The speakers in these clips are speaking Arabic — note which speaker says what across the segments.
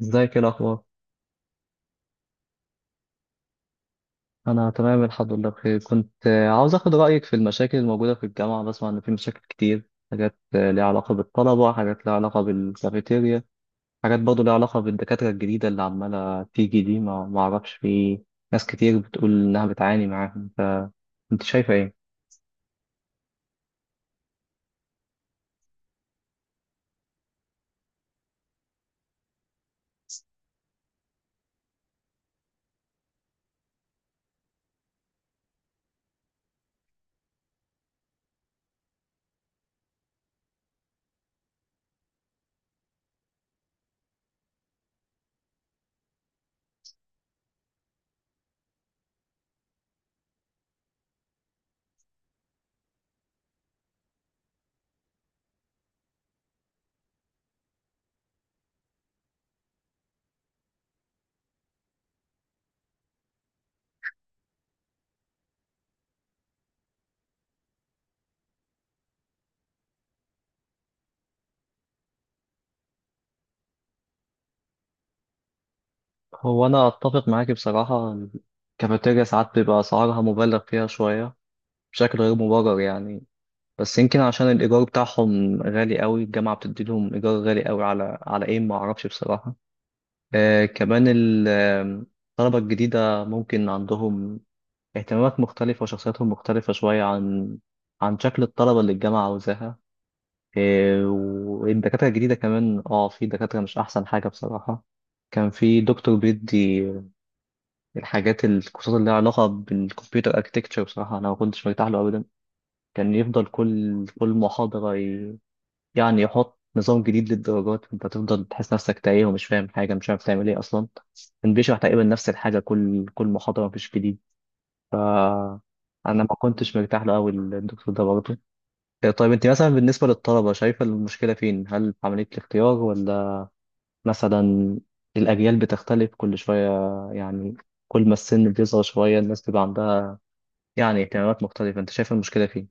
Speaker 1: ازيك، ايه الاخبار؟ انا تمام الحمد لله بخير. كنت عاوز اخد رايك في المشاكل الموجوده في الجامعه. بسمع ان في مشاكل كتير، حاجات ليها علاقه بالطلبه، حاجات ليها علاقه بالكافيتيريا، حاجات برضه ليها علاقه بالدكاتره الجديده اللي عماله تيجي دي. ما اعرفش، في ناس كتير بتقول انها بتعاني معاهم. فانت شايفه ايه؟ هو انا اتفق معاكي بصراحه. الكافيتيريا ساعات بيبقى اسعارها مبالغ فيها شويه بشكل غير مبرر يعني. بس يمكن عشان الإيجار بتاعهم غالي قوي، الجامعة بتدي لهم إيجار غالي قوي على إيه، ما أعرفش بصراحة. كمان ال- آم، الطلبة الجديدة ممكن عندهم اهتمامات مختلفة وشخصياتهم مختلفة شوية عن شكل الطلبة اللي الجامعة عاوزاها. والدكاترة الجديدة كمان، في دكاترة مش أحسن حاجة بصراحة. كان في دكتور بيدي الحاجات الكورسات اللي لها علاقة بالكمبيوتر اركتكتشر. بصراحة أنا ما كنتش مرتاح له أبدا. كان يفضل كل محاضرة، يعني يحط نظام جديد للدرجات، انت تفضل تحس نفسك تايه ومش فاهم حاجه، مش عارف تعمل ايه اصلا. كان بيشرح تقريبا نفس الحاجه كل محاضره، مفيش جديد. ف انا ما كنتش مرتاح له قوي الدكتور ده برضه. إيه طيب، انت مثلا بالنسبه للطلبه شايفه المشكله فين؟ هل في عمليه الاختيار، ولا مثلا الاجيال بتختلف كل شويه؟ يعني كل ما السن بيصغر شويه الناس بيبقى عندها يعني اهتمامات مختلفه. انت شايف المشكله فين؟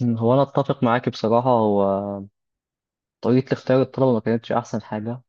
Speaker 1: هو انا اتفق معاك بصراحه. هو طريقه اختيار الطلبه ما كانتش احسن حاجه.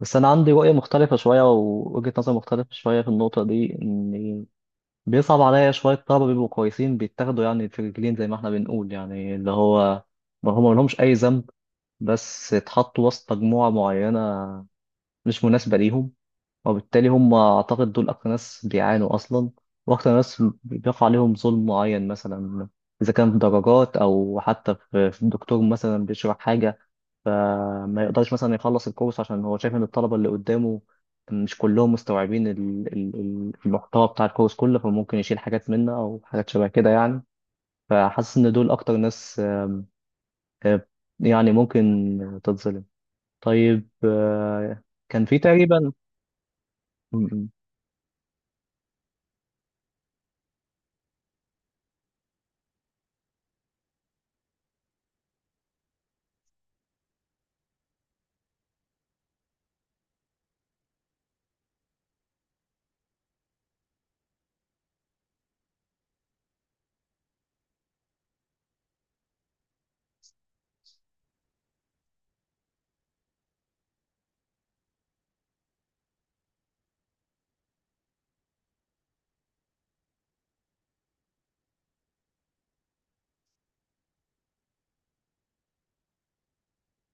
Speaker 1: بس انا عندي رؤيه مختلفه شويه ووجهه نظر مختلفه شويه في النقطه دي. ان بيصعب عليا شويه، طلبه بيبقوا كويسين بيتاخدوا يعني في رجلين زي ما احنا بنقول، يعني اللي هو ما هم لهمش اي ذنب، بس اتحطوا وسط مجموعه معينه مش مناسبه ليهم. وبالتالي هم اعتقد دول اكتر ناس بيعانوا اصلا، واكتر ناس بيقع عليهم ظلم معين. مثلا اذا كان في درجات، او حتى في الدكتور مثلا بيشرح حاجه ما يقدرش مثلا يخلص الكورس عشان هو شايف ان الطلبه اللي قدامه مش كلهم مستوعبين المحتوى بتاع الكورس كله، فممكن يشيل حاجات منه او حاجات شبه كده يعني. فحاسس ان دول اكتر ناس آه، يعني ممكن تتظلم. طيب، كان في تقريبا م- م.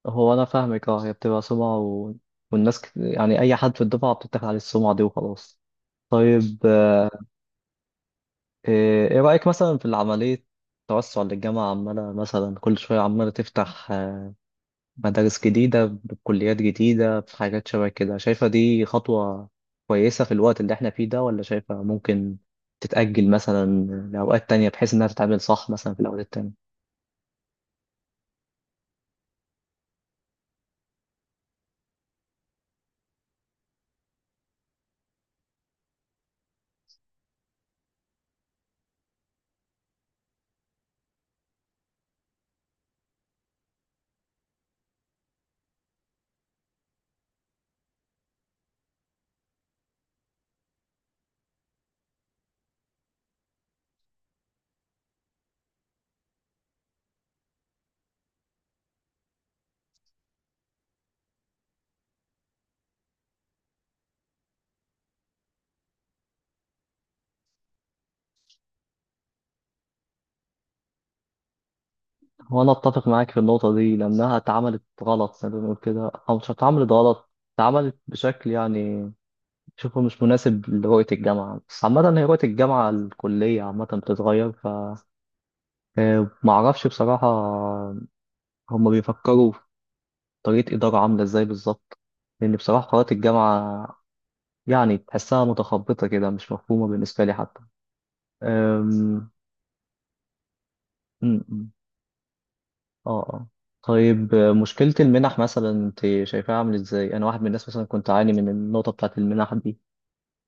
Speaker 1: هو انا فاهمك، اه. هي بتبقى سمعه والناس يعني اي حد في الدفعه بتتاخد عليه السمعه دي وخلاص. طيب، ايه رايك مثلا في العمليه توسع للجامعه، عماله مثلا كل شويه عماله تفتح مدارس جديدة بكليات جديدة بحاجات شبه كده. شايفة دي خطوة كويسة في الوقت اللي احنا فيه ده، ولا شايفة ممكن تتأجل مثلا لأوقات تانية بحيث إنها تتعمل صح مثلا في الأوقات التانية؟ وأنا أتفق معاك في النقطة دي، لأنها اتعملت غلط زي ما بنقول كده، أو مش اتعملت غلط، اتعملت بشكل يعني شوفه مش مناسب لرؤية الجامعة. بس عامة هي رؤية الجامعة الكلية عامة بتتغير. ف آه، معرفش بصراحة هما بيفكروا طريقة إدارة عاملة إزاي بالظبط. لأن بصراحة قرارات الجامعة يعني تحسها متخبطة كده، مش مفهومة بالنسبة لي حتى. أم... أم، أم. آه آه طيب، مشكلة المنح مثلا أنت شايفاها عاملة إزاي؟ أنا واحد من الناس مثلا كنت أعاني من النقطة بتاعة المنح دي.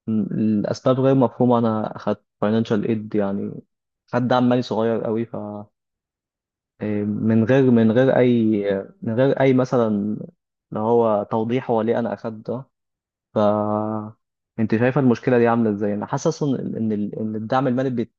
Speaker 1: الأسباب غير مفهومة. أنا أخدت financial aid يعني، خد دعم مالي صغير قوي. ف آه، من غير من غير أي من غير أي مثلا اللي هو توضيح هو ليه أنا أخدت ده. ف انت شايفه المشكله دي عامله ازاي؟ انا حاسس إن الدعم المالي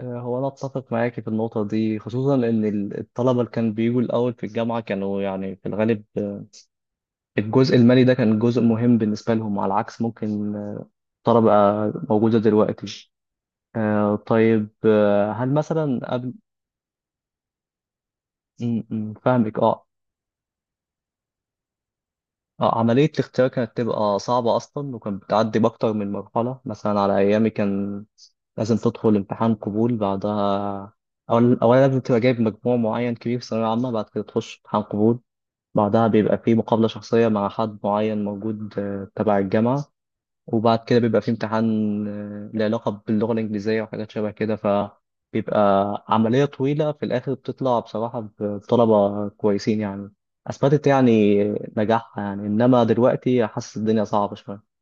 Speaker 1: هو انا اتفق معاكي في النقطه دي، خصوصا ان الطلبه اللي كانوا بيجوا الاول في الجامعه كانوا يعني في الغالب الجزء المالي ده كان جزء مهم بالنسبه لهم، على عكس ممكن طلبه موجوده دلوقتي. طيب، هل مثلا قبل م- م، فاهمك، اه. عملية الاختيار كانت تبقى صعبة أصلا، وكانت بتعدي بأكتر من مرحلة. مثلا على أيامي كان لازم تدخل امتحان قبول، بعدها أولا لازم تبقى جايب مجموع معين كبير في ثانوية عامة. بعد كده تخش امتحان قبول، بعدها بيبقى فيه مقابلة شخصية مع حد معين موجود تبع الجامعة. وبعد كده بيبقى في امتحان له علاقة باللغة الإنجليزية وحاجات شبه كده. فبيبقى عملية طويلة في الآخر بتطلع بصراحة بطلبة كويسين يعني، أثبتت يعني نجاحها يعني. إنما دلوقتي حاسس الدنيا صعبة شوية.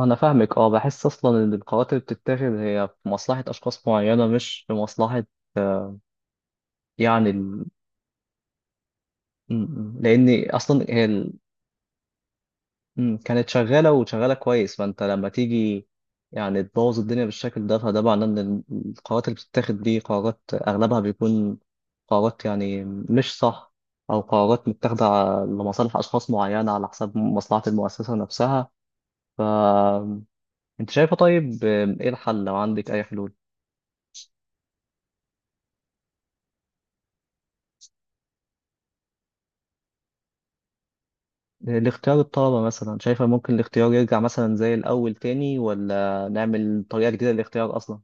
Speaker 1: أنا فاهمك، أه. بحس أصلا إن القرارات اللي بتتاخد هي في مصلحة أشخاص معينة، مش في مصلحة آه، يعني ال... لأن أصلا هي كانت شغالة وشغالة كويس. فأنت لما تيجي يعني تبوظ الدنيا بالشكل ده، فده معناه إن القرارات اللي بتتاخد دي قرارات أغلبها بيكون قرارات يعني مش صح، أو قرارات متاخدة لمصالح أشخاص معينة على حساب مصلحة المؤسسة نفسها. فأنت شايفة، طيب، إيه الحل لو عندك أي حلول؟ الاختيار الطلبة مثلا، شايفة ممكن الاختيار يرجع مثلا زي الأول تاني، ولا نعمل طريقة جديدة للاختيار أصلا؟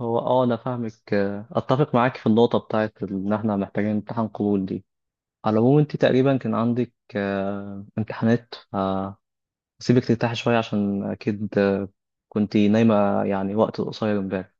Speaker 1: هو انا فاهمك، اتفق معاك في النقطه بتاعت ان احنا محتاجين امتحان قبول دي. على العموم انت تقريبا كان عندك امتحانات، فسيبك ترتاحي شويه، عشان اكيد كنتي نايمه يعني وقت قصير امبارح.